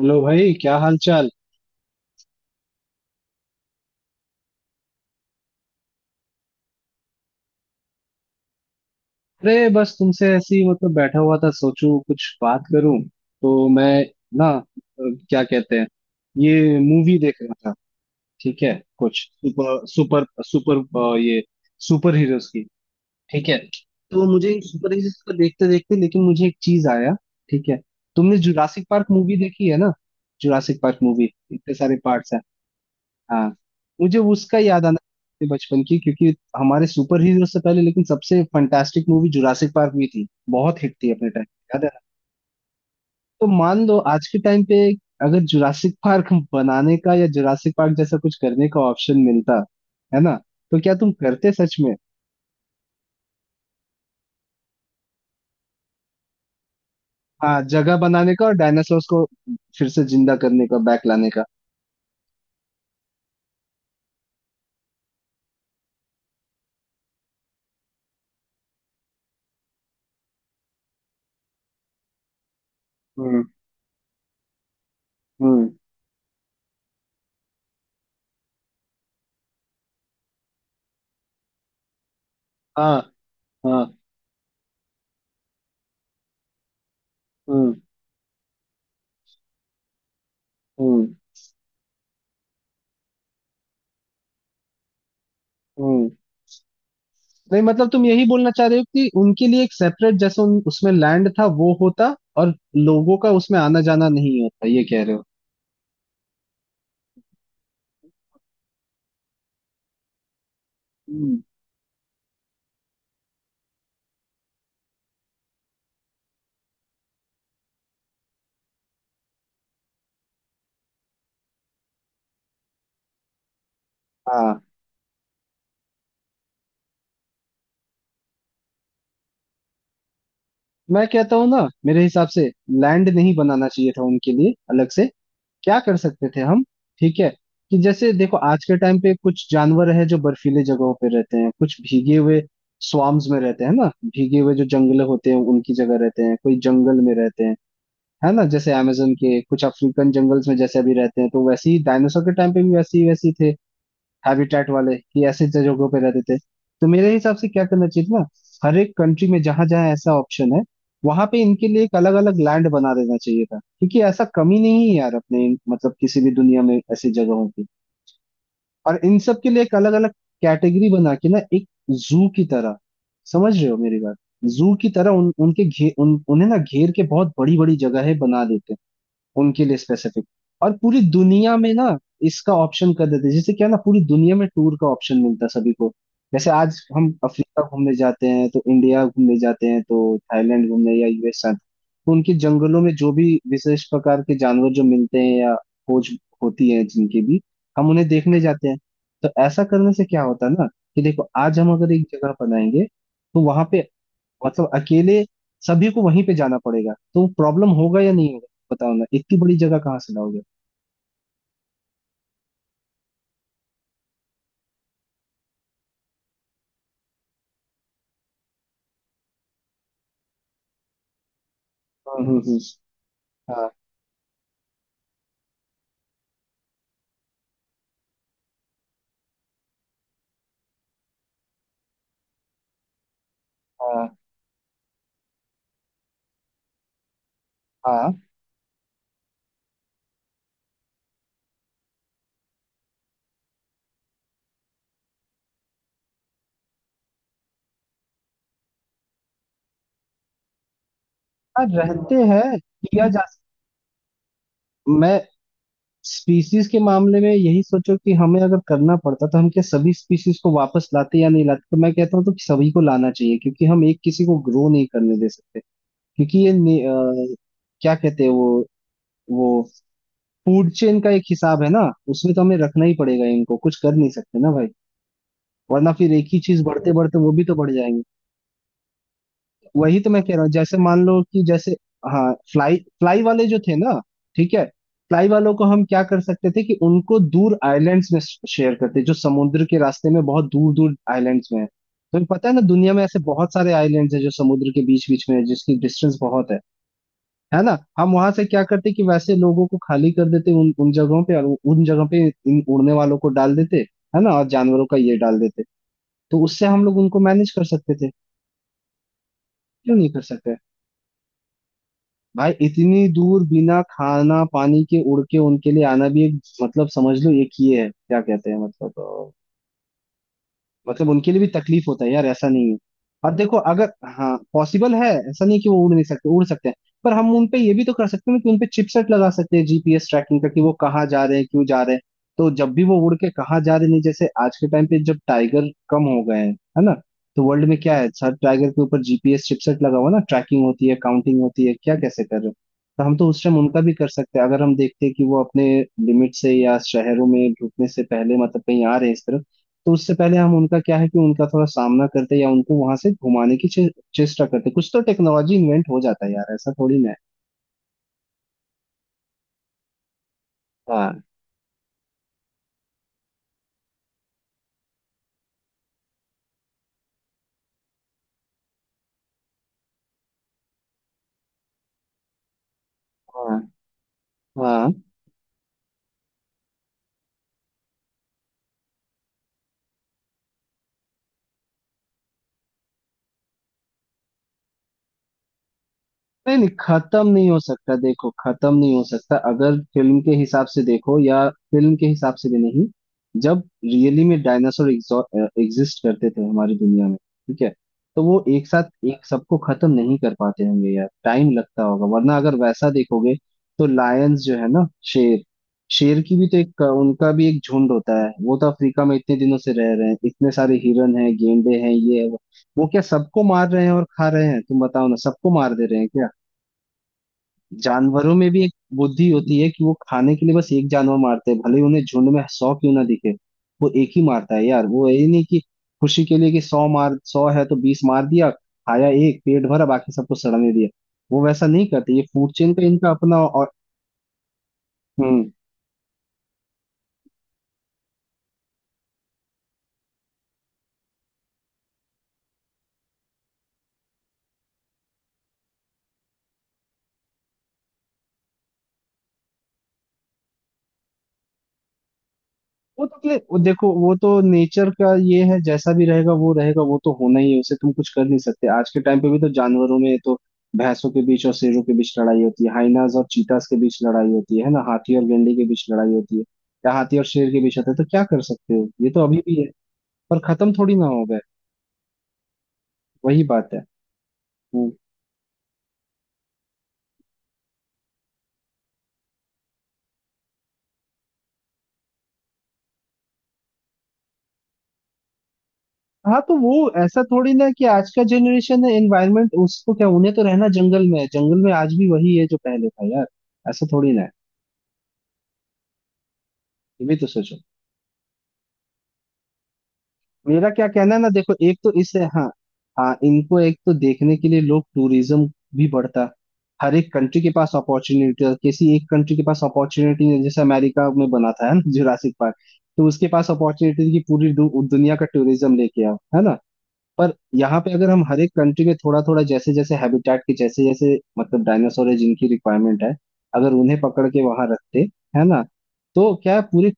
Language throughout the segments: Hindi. हेलो भाई, क्या हाल चाल। अरे बस तुमसे ऐसे ही मतलब बैठा हुआ था, सोचूं कुछ बात करूं। तो मैं ना क्या कहते हैं, ये मूवी देख रहा था। ठीक है, कुछ सुपर सुपर सुपर ये सुपर हीरोज की। ठीक है, तो मुझे सुपर हीरोज को देखते देखते लेकिन मुझे एक चीज आया। ठीक है, तुमने जुरासिक पार्क मूवी देखी है ना? जुरासिक पार्क मूवी, इतने सारे पार्ट्स हैं। हाँ, मुझे उसका याद आना अपने बचपन की, क्योंकि हमारे सुपर हीरो से पहले लेकिन सबसे फंटास्टिक मूवी जुरासिक पार्क भी थी, बहुत हिट थी अपने टाइम। याद है ना? तो मान लो आज के टाइम पे अगर जुरासिक पार्क बनाने का या जुरासिक पार्क जैसा कुछ करने का ऑप्शन मिलता, है ना, तो क्या तुम करते सच में? हाँ, जगह बनाने का और डायनासोर्स को फिर से जिंदा करने का, बैक लाने का। हम्म। हम्म। हाँ हाँ। हम्म। हम्म। हम्म। नहीं मतलब तुम यही बोलना चाह रहे हो कि उनके लिए एक सेपरेट, जैसे उसमें लैंड था वो होता और लोगों का उसमें आना जाना नहीं होता, ये कह रहे हो? हम्म। हाँ मैं कहता हूँ ना, मेरे हिसाब से लैंड नहीं बनाना चाहिए था उनके लिए अलग से। क्या कर सकते थे हम, ठीक है, कि जैसे देखो आज के टाइम पे कुछ जानवर है जो बर्फीले जगहों पे रहते हैं, कुछ भीगे हुए स्वाम्स में रहते हैं ना, भीगे हुए जो जंगल होते हैं उनकी जगह रहते हैं, कोई जंगल में रहते हैं, है ना। जैसे amazon के कुछ अफ्रीकन जंगल्स में जैसे अभी रहते हैं, तो वैसे ही डायनासोर के टाइम पे भी वैसे ही थे हैबिटेट वाले, कि ऐसे जगहों पे रहते थे। तो मेरे हिसाब से क्या करना चाहिए ना, हर एक कंट्री में जहां जहां ऐसा ऑप्शन है, वहां पे इनके लिए एक अलग अलग लैंड बना देना चाहिए था, क्योंकि ऐसा कमी नहीं है यार अपने मतलब किसी भी दुनिया में ऐसी जगहों की। और इन सब के लिए एक अलग अलग कैटेगरी बना के ना, एक जू की तरह। समझ रहे हो मेरी बात? जू की तरह उन उनके घे उन्हें ना घेर के बहुत बड़ी बड़ी जगह है बना देते हैं उनके लिए स्पेसिफिक। और पूरी दुनिया में ना इसका ऑप्शन कर देते, जैसे क्या ना, पूरी दुनिया में टूर का ऑप्शन मिलता सभी को। जैसे आज हम अफ्रीका घूमने जाते हैं तो इंडिया घूमने जाते हैं तो थाईलैंड घूमने या यूएस जाते हैं, तो उनके जंगलों में जो भी विशेष प्रकार के जानवर जो मिलते हैं या खोज होती है जिनके भी, हम उन्हें देखने जाते हैं। तो ऐसा करने से क्या होता है ना, कि देखो आज हम अगर एक जगह बनाएंगे तो वहां पे मतलब अकेले सभी को वहीं पे जाना पड़ेगा, तो प्रॉब्लम होगा या नहीं होगा? बताओ ना, इतनी बड़ी जगह कहाँ से लाओगे। हम्म। हम्म। हम्म। हाँ हाँ हाँ हाँ, रहते हैं किया जा मैं स्पीसीज के मामले में यही सोचो कि हमें अगर करना पड़ता तो हम क्या सभी स्पीसीज को वापस लाते या नहीं लाते, तो मैं कहता हूँ तो सभी को लाना चाहिए, क्योंकि हम एक किसी को ग्रो नहीं करने दे सकते। क्योंकि ये क्या कहते हैं वो फूड चेन का एक हिसाब है ना, उसमें तो हमें रखना ही पड़ेगा इनको, कुछ कर नहीं सकते ना भाई। वरना फिर एक ही चीज बढ़ते बढ़ते वो भी तो बढ़ जाएंगे। वही तो मैं कह रहा हूँ, जैसे मान लो कि जैसे हाँ फ्लाई फ्लाई वाले जो थे ना, ठीक है, फ्लाई वालों को हम क्या कर सकते थे कि उनको दूर आइलैंड्स में शेयर करते, जो समुद्र के रास्ते में बहुत दूर दूर आइलैंड्स में है। तुम्हें पता है ना, दुनिया में ऐसे बहुत सारे आइलैंड्स हैं जो समुद्र के बीच बीच में है, जिसकी डिस्टेंस बहुत है ना। हम वहां से क्या करते कि वैसे लोगों को खाली कर देते उन उन जगहों पे, और उन जगह पे इन उड़ने वालों को डाल देते, है ना, और जानवरों का ये डाल देते। तो उससे हम लोग उनको मैनेज कर सकते थे। क्यों नहीं कर सकते, भाई इतनी दूर बिना खाना पानी के उड़ के उनके लिए आना भी एक मतलब समझ लो एक ही है, क्या कहते हैं मतलब, मतलब उनके लिए भी तकलीफ होता है यार, ऐसा नहीं है। और देखो अगर, हाँ पॉसिबल है, ऐसा नहीं है कि वो उड़ नहीं सकते, उड़ सकते हैं। पर हम उनपे ये भी तो कर सकते हैं ना कि उनपे चिपसेट लगा सकते हैं जीपीएस ट्रैकिंग का, कि वो कहाँ जा रहे हैं क्यों जा रहे हैं। तो जब भी वो उड़ के कहाँ जा रहे हैं, नहीं, जैसे आज के टाइम पे जब टाइगर कम हो गए हैं, है ना, तो वर्ल्ड में क्या है सर, टाइगर के ऊपर जीपीएस चिपसेट लगा हुआ ना, ट्रैकिंग होती है, काउंटिंग होती है, क्या कैसे कर रहे हैं। तो हम तो उस टाइम उनका भी कर सकते हैं, अगर हम देखते हैं कि वो अपने लिमिट से या शहरों में ढुकने से पहले मतलब कहीं आ रहे हैं इस तरफ, तो उससे पहले हम उनका क्या है कि उनका थोड़ा सामना करते या उनको वहां से घुमाने की चेष्टा करते। कुछ तो टेक्नोलॉजी इन्वेंट हो जाता है यार, ऐसा थोड़ी ना है। हाँ। हाँ हाँ। नहीं नहीं, खत्म नहीं हो सकता। देखो खत्म नहीं हो सकता, अगर फिल्म के हिसाब से देखो या फिल्म के हिसाब से भी नहीं, जब रियली में डायनासोर एग्जिस्ट करते थे हमारी दुनिया में, ठीक है, तो वो एक साथ एक सबको खत्म नहीं कर पाते होंगे यार, टाइम लगता होगा। वरना अगर वैसा देखोगे तो लायंस जो है ना, शेर, शेर की भी तो एक उनका भी एक झुंड होता है, वो तो अफ्रीका में इतने दिनों से रह रहे हैं, इतने सारे हिरन हैं, गेंडे हैं, ये है वो। वो क्या सबको मार रहे हैं और खा रहे हैं? तुम बताओ ना, सबको मार दे रहे हैं क्या? जानवरों में भी एक बुद्धि होती है कि वो खाने के लिए बस एक जानवर मारते हैं, भले ही उन्हें झुंड में सौ क्यों ना दिखे। वो एक ही मारता है यार, वो ये नहीं कि खुशी के लिए कि सौ मार, सौ है तो बीस मार दिया, खाया एक पेट भरा बाकी सबको सड़ने दिया। वो वैसा नहीं करते, ये फूड चेन का इनका अपना और। हम्म। वो तो क्लियर, वो देखो वो तो नेचर का ये है, जैसा भी रहेगा वो रहेगा, वो तो होना ही है, उसे तुम कुछ कर नहीं सकते। आज के टाइम पे भी तो जानवरों में तो भैंसों के बीच और शेरों के बीच लड़ाई होती है, हाइनास और चीतास के बीच लड़ाई होती है ना, हाथी और गेंडे के बीच लड़ाई होती है या हाथी और शेर के बीच होता है, तो क्या कर सकते हो, ये तो अभी भी है। पर खत्म थोड़ी ना हो गए, वही बात है। हम्म। हाँ तो वो ऐसा थोड़ी ना है कि आज का जनरेशन है एनवायरमेंट, उसको क्या, उन्हें तो रहना जंगल में है, जंगल में आज भी वही है जो पहले था यार, ऐसा थोड़ी ना है। ये भी तो सोचो। मेरा क्या कहना है ना, देखो एक तो इससे, हाँ, हाँ इनको एक तो देखने के लिए लोग, टूरिज्म भी बढ़ता। हर एक कंट्री के पास अपॉर्चुनिटी है, किसी एक कंट्री के पास अपॉर्चुनिटी नहीं है, जैसे अमेरिका में बना था है ना जुरासिक पार्क, तो उसके पास अपॉर्चुनिटी थी कि पूरी दुनिया का टूरिज्म लेके आओ, है ना। पर यहाँ पे अगर हम हर एक कंट्री में थोड़ा थोड़ा जैसे जैसे हैबिटेट के जैसे जैसे मतलब डायनासोर है जिनकी रिक्वायरमेंट है, अगर उन्हें पकड़ के वहां रखते, है ना, तो क्या है, पूरे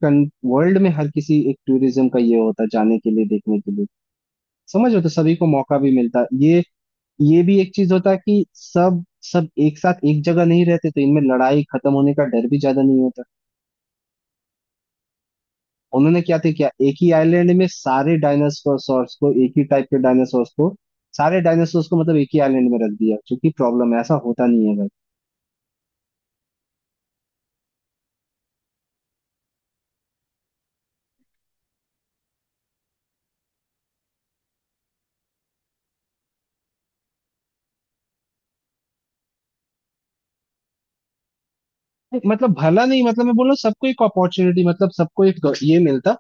वर्ल्ड में हर किसी एक टूरिज्म का ये होता जाने के लिए देखने के लिए। समझ रहे हो, तो सभी को मौका भी मिलता ये। ये भी एक चीज होता कि सब सब एक साथ एक जगह नहीं रहते तो इनमें लड़ाई खत्म होने का डर भी ज्यादा नहीं होता। उन्होंने क्या थे क्या, एक ही आइलैंड में सारे डायनासोर्स को, एक ही टाइप के डायनासोर्स को, सारे डायनासोर्स को मतलब एक ही आइलैंड में रख दिया, क्योंकि प्रॉब्लम है, ऐसा होता नहीं है भाई। मतलब भला नहीं मतलब मैं बोल रहा हूँ सबको एक अपॉर्चुनिटी, मतलब सबको एक ये मिलता,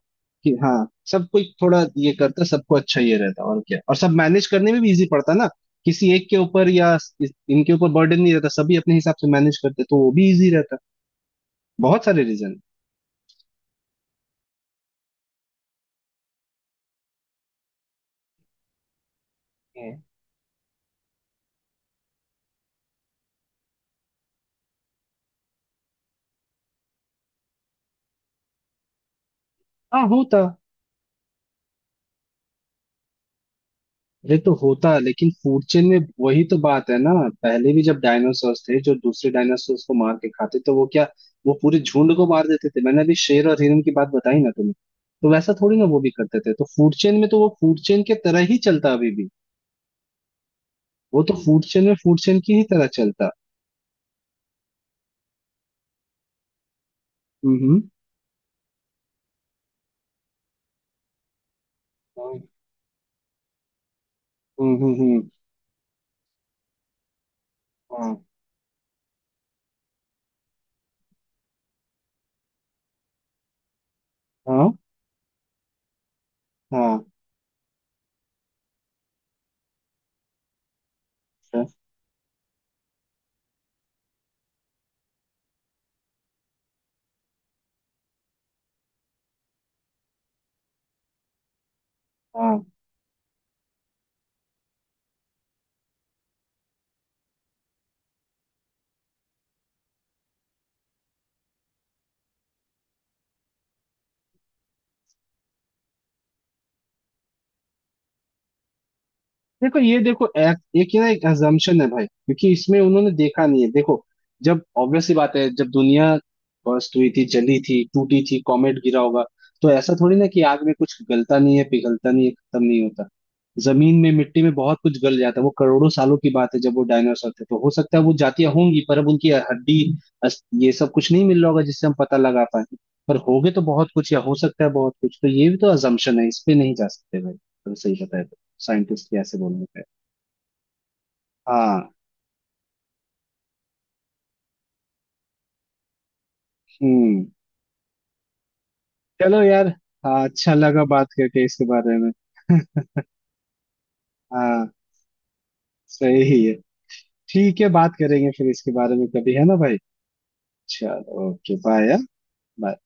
कि हाँ सबको एक थोड़ा ये करता, सबको अच्छा ये रहता, और क्या, और सब मैनेज करने में भी इजी पड़ता ना, किसी एक के ऊपर या इनके ऊपर बर्डन नहीं रहता, सभी अपने हिसाब से मैनेज करते तो वो भी इजी रहता। बहुत सारे रीजन। हाँ होता। अरे तो होता है, लेकिन फूड चेन में वही तो बात है ना। पहले भी जब डायनासोर थे जो दूसरे डायनासोर को मार के खाते, तो वो क्या, वो पूरे झुंड को मार देते थे? मैंने अभी शेर और हिरन की बात बताई ना तुम्हें, तो वैसा थोड़ी ना वो भी करते थे, तो फूड चेन में तो वो फूड चेन के तरह ही चलता अभी भी। वो तो फूड चेन में फूड चेन की ही तरह चलता। हम्म। हम्म। हम्म। हाँ हाँ हाँ हाँ। देखो ये देखो एक ये ना एक assumption है भाई, क्योंकि इसमें उन्होंने देखा नहीं है। देखो जब ऑब्वियस सी बात है, जब दुनिया बस्ट हुई थी, जली थी, टूटी थी, कॉमेट गिरा होगा, तो ऐसा थोड़ी ना कि आग में कुछ गलता नहीं है, पिघलता नहीं है, खत्म नहीं होता। जमीन में मिट्टी में बहुत कुछ गल जाता है, वो करोड़ों सालों की बात है, जब वो डायनासोर थे तो हो सकता है वो जातियां होंगी, पर अब उनकी हड्डी ये सब कुछ नहीं मिल रहा होगा जिससे हम पता लगा पाए। पर होगे तो बहुत कुछ या हो सकता है बहुत कुछ, तो ये भी तो assumption है, इस पे नहीं जा सकते भाई अगर सही बताए तो। साइंटिस्ट कैसे बोलने पे। हाँ। हम्म। चलो यार। हाँ अच्छा लगा बात करके इसके बारे में। हाँ सही है। ठीक है बात करेंगे फिर इसके बारे में कभी, है ना भाई। चलो ओके बाय। बाय।